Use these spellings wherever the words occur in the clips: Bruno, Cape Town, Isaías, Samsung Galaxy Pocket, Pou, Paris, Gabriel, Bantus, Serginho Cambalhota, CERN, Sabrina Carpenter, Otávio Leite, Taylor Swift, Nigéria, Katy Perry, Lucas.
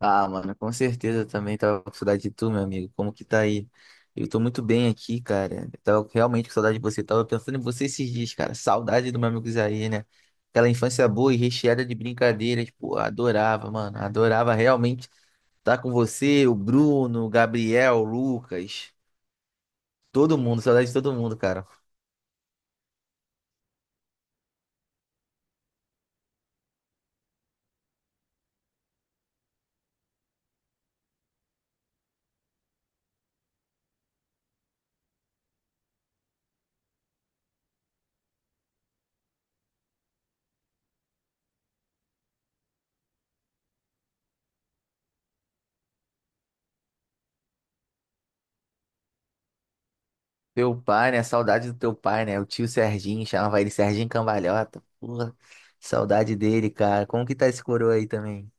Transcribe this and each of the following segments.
Ah, mano, com certeza eu também tava com saudade de tu, meu amigo. Como que tá aí? Eu tô muito bem aqui, cara. Eu tava realmente com saudade de você. Eu tava pensando em você esses dias, cara. Saudade do meu amigo Isaí, né? Aquela infância boa e recheada de brincadeiras. Pô, adorava, mano. Adorava realmente estar com você, o Bruno, o Gabriel, o Lucas. Todo mundo, saudade de todo mundo, cara. Teu pai, né? Saudade do teu pai, né? O tio Serginho, chamava ele Serginho Cambalhota. Porra, saudade dele, cara. Como que tá esse coroa aí também?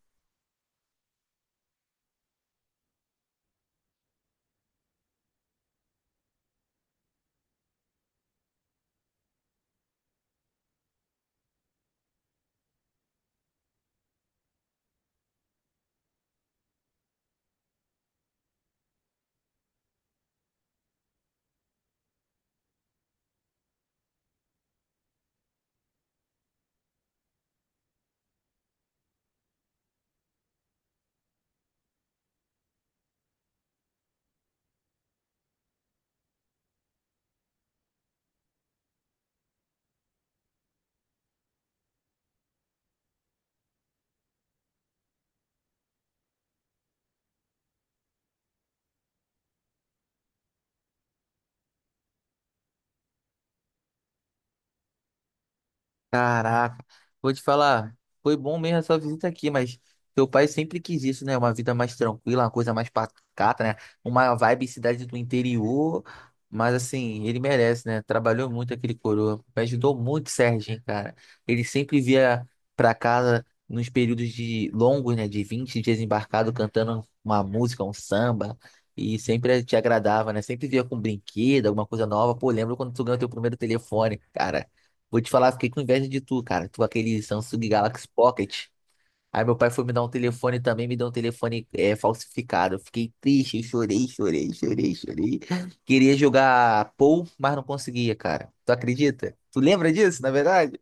Caraca, vou te falar, foi bom mesmo a sua visita aqui, mas teu pai sempre quis isso, né? Uma vida mais tranquila, uma coisa mais pacata, né? Uma vibe cidade do interior, mas assim, ele merece, né? Trabalhou muito aquele coroa, me ajudou muito, Serginho, cara. Ele sempre via pra casa nos períodos de longos, né? De 20 dias embarcado, cantando uma música, um samba, e sempre te agradava, né? Sempre via com brinquedo, alguma coisa nova. Pô, lembra quando tu ganhou teu primeiro telefone, cara? Vou te falar, fiquei com inveja de tu, cara. Tu com aquele Samsung Galaxy Pocket. Aí meu pai foi me dar um telefone também, me deu um telefone falsificado. Eu fiquei triste, eu chorei, chorei, chorei, chorei. Queria jogar Pou, mas não conseguia, cara. Tu acredita? Tu lembra disso, na verdade?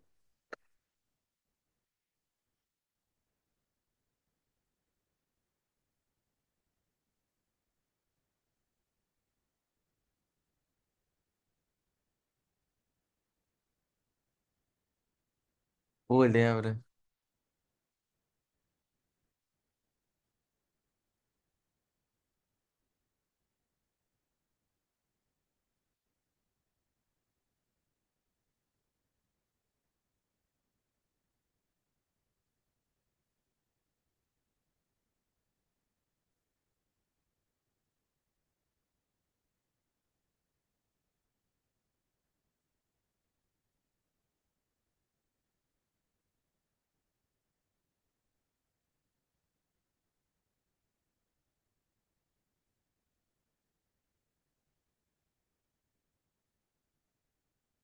Pô, lembra.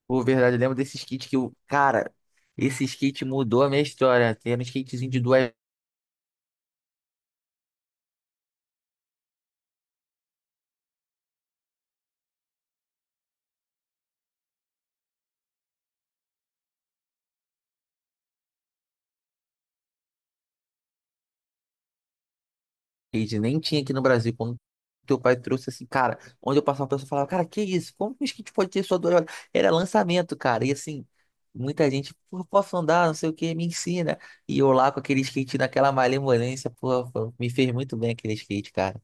Pô, verdade, eu lembro desses kits que eu. Cara, esses kits mudou a minha história. Era um kitzinho de duas. Skate, nem tinha aqui no Brasil. Quando teu pai trouxe assim, cara, onde eu passava, a pessoa falava, cara, que isso? Como que o skate pode ter só duas rodas? Era lançamento, cara. E assim, muita gente, pô, posso andar, não sei o que, me ensina. E eu lá com aquele skate naquela malemolência, pô, pô, me fez muito bem aquele skate, cara.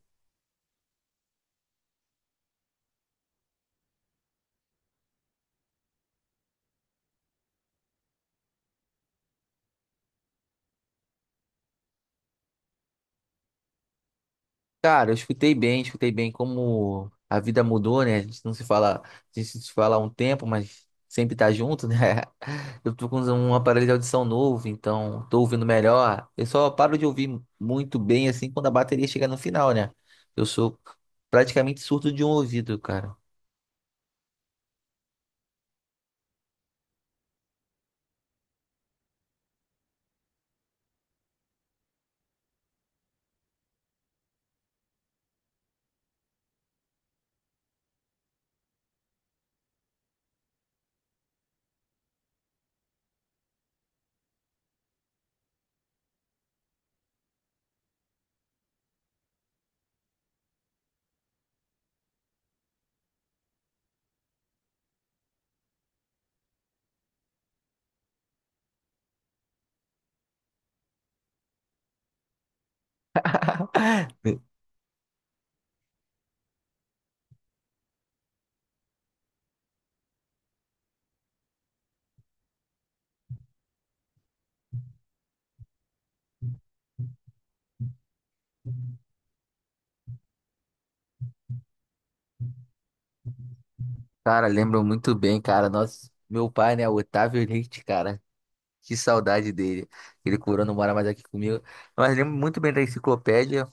Cara, eu escutei bem como a vida mudou, né? A gente não se fala, a gente se fala há um tempo, mas sempre tá junto, né? Eu tô com um aparelho de audição novo, então tô ouvindo melhor. Eu só paro de ouvir muito bem assim quando a bateria chega no final, né? Eu sou praticamente surdo de um ouvido, cara. Cara, lembro muito bem, cara. Nosso, meu pai, né? Otávio Leite, cara. Que saudade dele. Ele curou, não mora mais aqui comigo. Mas lembro muito bem da enciclopédia.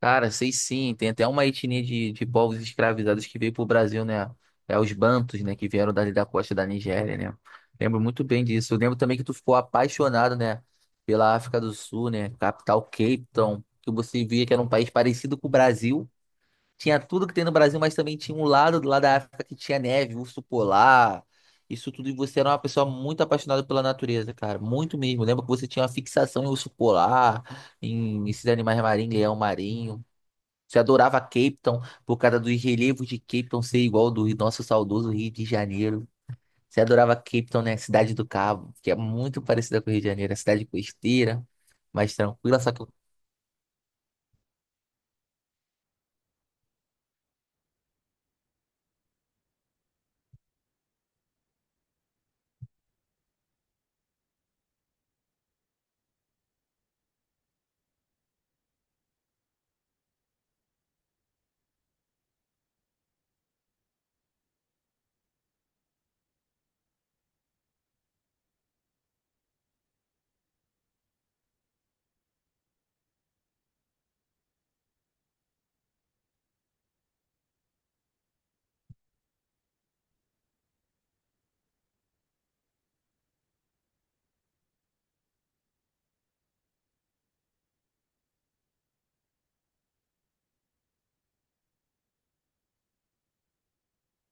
Cara, sei sim, tem até uma etnia de povos escravizados que veio pro Brasil, né? É os Bantus, né? Que vieram dali da costa da Nigéria, né? Lembro muito bem disso. Eu lembro também que tu ficou apaixonado, né? Pela África do Sul, né? Capital Cape Town, que você via que era um país parecido com o Brasil. Tinha tudo que tem no Brasil, mas também tinha um lado do lado da África que tinha neve, urso polar. Isso tudo, e você era uma pessoa muito apaixonada pela natureza, cara. Muito mesmo. Lembro que você tinha uma fixação em urso polar, em esses animais marinhos, leão marinho. Você adorava Cape Town por causa dos relevos de Cape Town ser igual ao do nosso saudoso Rio de Janeiro. Você adorava Cape Town, né? Cidade do Cabo, que é muito parecida com o Rio de Janeiro, é cidade costeira, mais tranquila. Só que,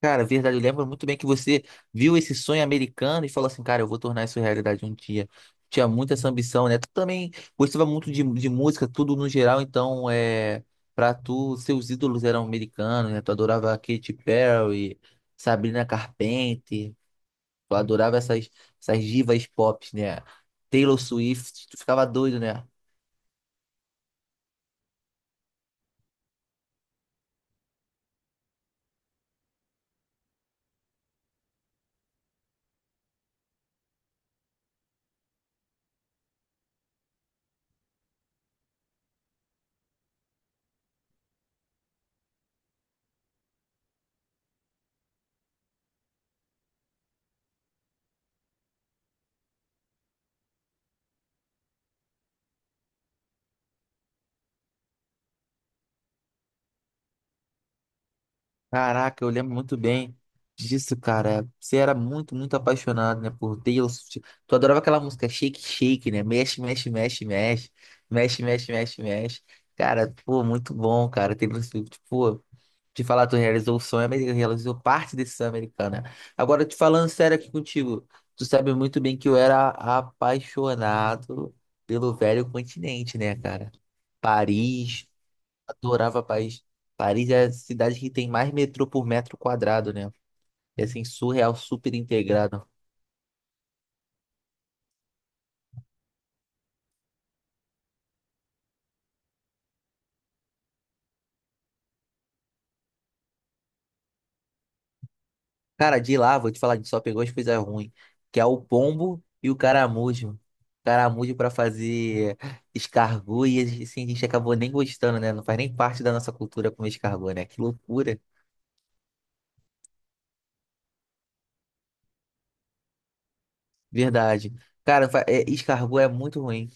cara, é verdade, eu lembro muito bem que você viu esse sonho americano e falou assim, cara, eu vou tornar isso realidade um dia. Tinha muita essa ambição, né? Tu também gostava muito de música, tudo no geral, então. Pra tu, seus ídolos eram americanos, né? Tu adorava Katy Perry, Sabrina Carpenter. Eu adorava essas divas pop, né? Taylor Swift, tu ficava doido, né? Caraca, eu lembro muito bem disso, cara. Você era muito, muito apaixonado, né, por Taylor Swift. Tu adorava aquela música Shake, Shake, né? Mexe, mexe, mexe, mexe. Mexe, mexe, mexe, mexe. Cara, pô, muito bom, cara. Taylor Swift, pô. Te falar, tu realizou o sonho americano, realizou parte desse sonho americano, né? Agora, te falando sério aqui contigo, tu sabe muito bem que eu era apaixonado pelo velho continente, né, cara? Paris, Adorava Paris. Paris é a cidade que tem mais metrô por metro quadrado, né? É assim, surreal, super integrado. Cara, de lá, vou te falar, a gente só pegou as coisas ruins, que é o pombo e o caramujo. Caramujo pra fazer escargot e assim, a gente acabou nem gostando, né? Não faz nem parte da nossa cultura comer escargot, né? Que loucura. Verdade. Cara, escargot é muito ruim.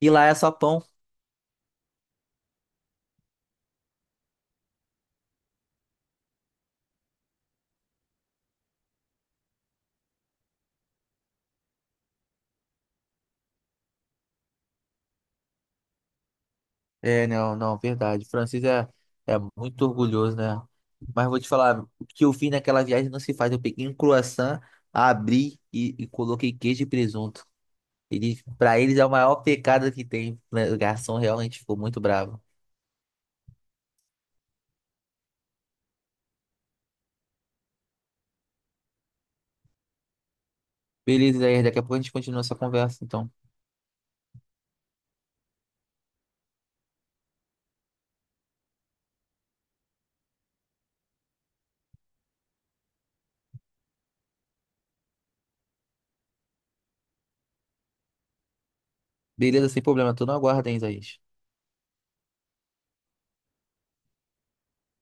E lá é só pão. É, não, não, verdade. Francis é muito orgulhoso, né? Mas vou te falar, o que eu fiz naquela viagem não se faz. Eu peguei um croissant, abri e coloquei queijo e presunto. Eles, para eles é o maior pecado que tem, né? O garçom realmente ficou muito bravo. Beleza, Isaías, daqui a pouco a gente continua essa conversa, então. Beleza, sem problema, tô no aguardo, hein, Isaías.